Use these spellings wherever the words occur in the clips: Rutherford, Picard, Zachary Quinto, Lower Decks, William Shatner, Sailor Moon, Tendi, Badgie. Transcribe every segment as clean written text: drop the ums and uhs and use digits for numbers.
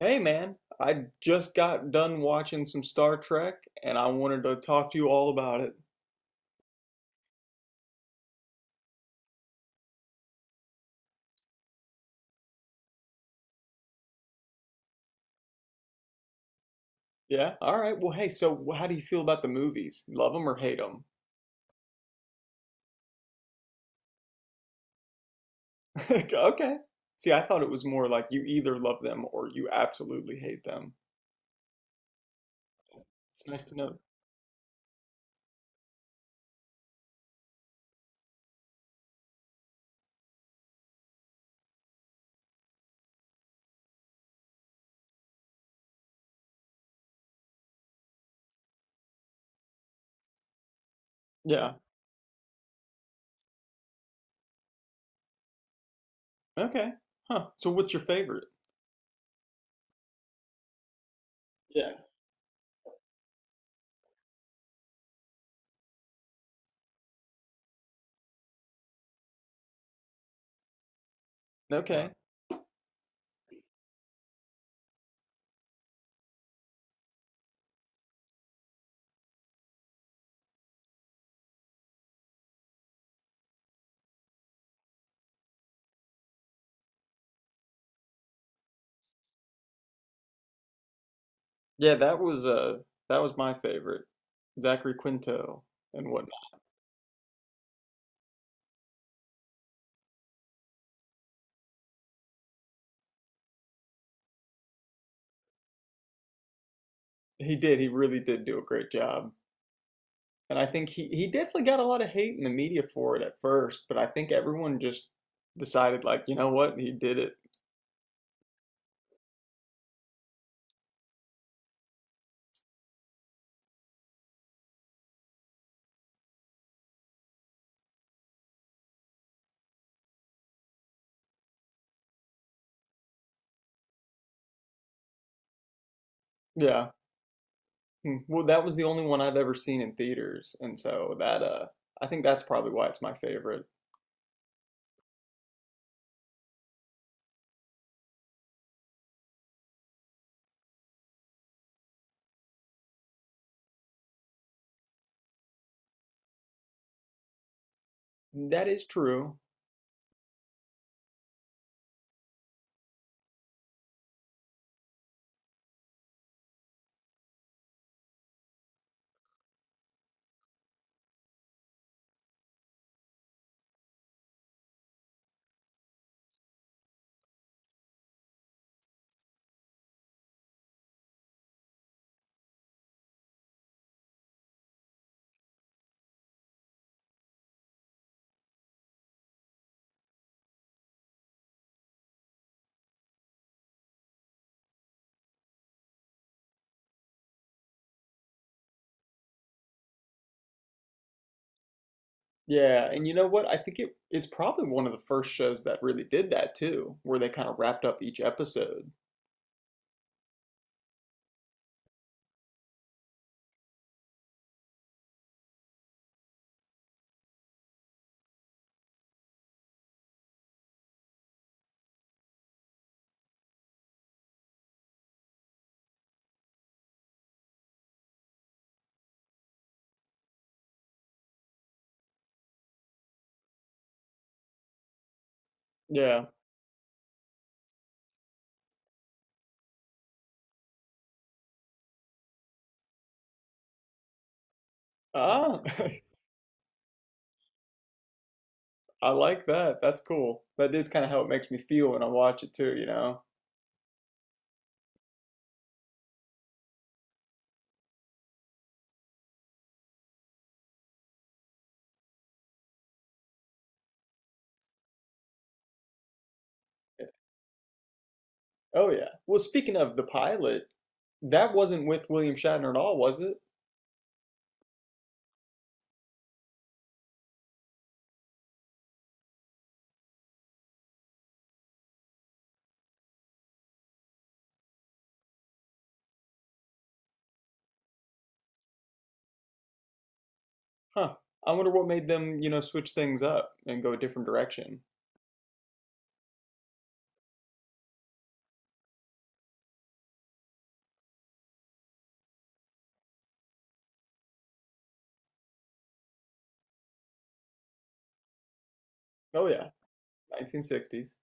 Hey man, I just got done watching some Star Trek and I wanted to talk to you all about it. Yeah? All right. Well, hey, how do you feel about the movies? Love them or hate them? Okay. See, I thought it was more like you either love them or you absolutely hate them. It's nice to know. Yeah. Okay. Huh. So what's your favorite? Yeah. Okay. Yeah, that was my favorite. Zachary Quinto and whatnot. He did, he really did do a great job. And I think he definitely got a lot of hate in the media for it at first, but I think everyone just decided, like, you know what, he did it. Yeah. Mm, well, that was the only one I've ever seen in theaters. And so that, I think that's probably why it's my favorite. That is true. Yeah. And you know what? I think it's probably one of the first shows that really did that too, where they kind of wrapped up each episode. Yeah. Ah, I like that. That's cool. That is kind of how it makes me feel when I watch it too, you know? Oh yeah. Well, speaking of the pilot, that wasn't with William Shatner at all, was it? Huh. I wonder what made them, you know, switch things up and go a different direction. Oh yeah, 1960s.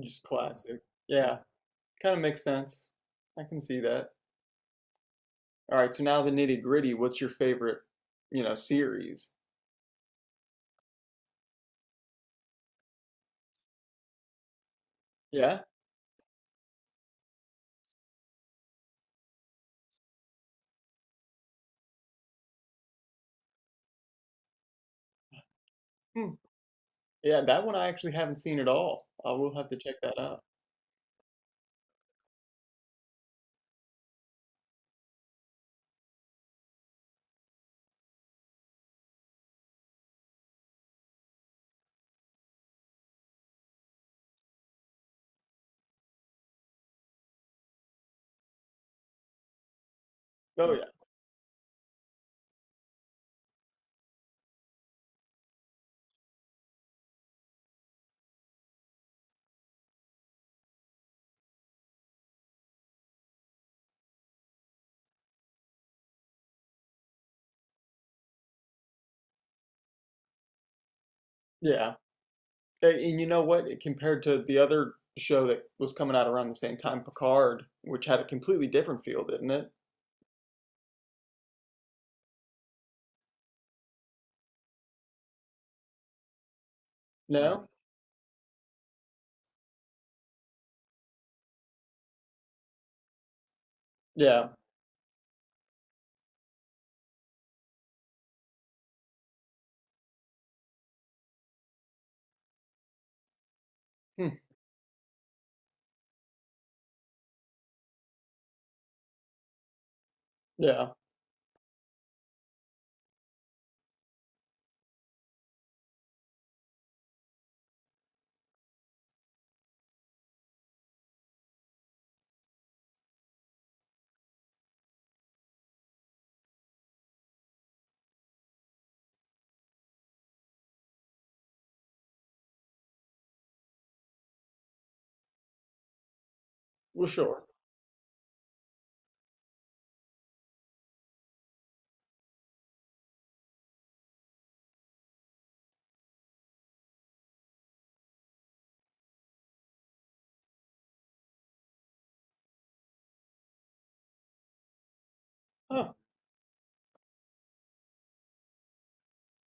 Just classic. Yeah, kind of makes sense. I can see that. All right, so now the nitty-gritty. What's your favorite, you know, series? Yeah? Hmm. Yeah, that one I actually haven't seen at all. I will have to check that out. Oh yeah. Yeah. And, you know what? Compared to the other show that was coming out around the same time, Picard, which had a completely different feel, didn't it? No? Yeah. Hmm. Yeah. Well, sure. Huh.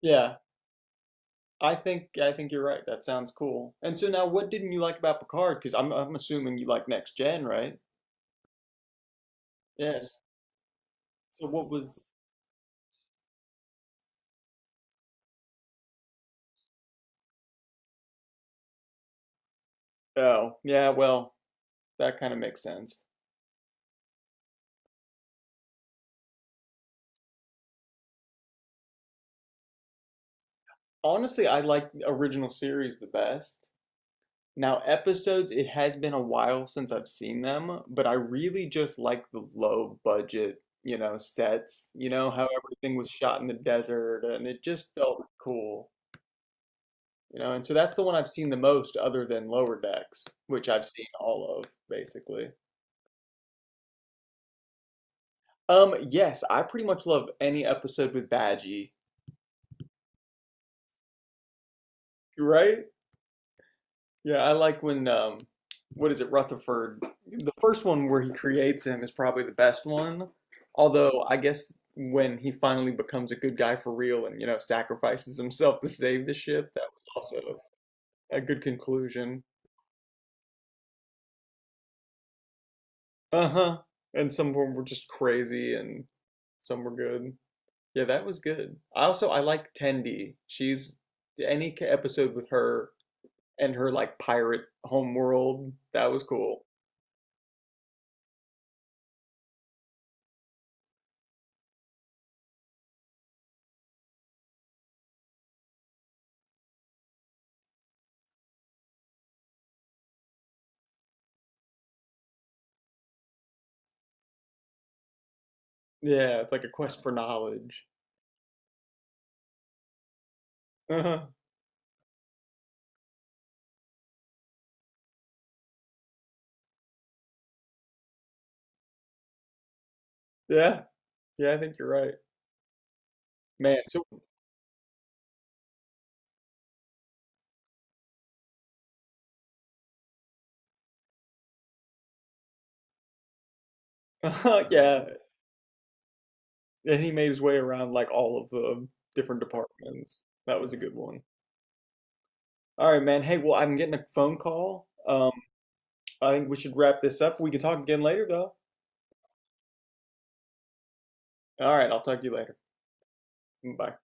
Yeah. I think you're right. That sounds cool. And so now, what didn't you like about Picard? Because I'm assuming you like Next Gen, right? Yes. So what was? Oh, yeah. Well, that kind of makes sense. Honestly, I like original series the best. Now, episodes, it has been a while since I've seen them, but I really just like the low budget, you know, sets, you know, how everything was shot in the desert and it just felt cool, you know, and so that's the one I've seen the most other than Lower Decks, which I've seen all of basically. Yes, I pretty much love any episode with Badgie, right? Yeah, I like when what is it, Rutherford? The first one where he creates him is probably the best one. Although I guess when he finally becomes a good guy for real and you know sacrifices himself to save the ship, that was also a good conclusion. Uh-huh. And some of them were just crazy, and some were good. Yeah, that was good. I also I like Tendi. She's episode with her and her like pirate homeworld, that was cool. Yeah, it's like a quest for knowledge. Uh-huh. Yeah. Yeah, I think you're right. Man, so yeah, and he made his way around like all of the different departments. That was a good one. All right, man. Hey, well, I'm getting a phone call. I think we should wrap this up. We can talk again later, though. All right, I'll talk to you later. Bye.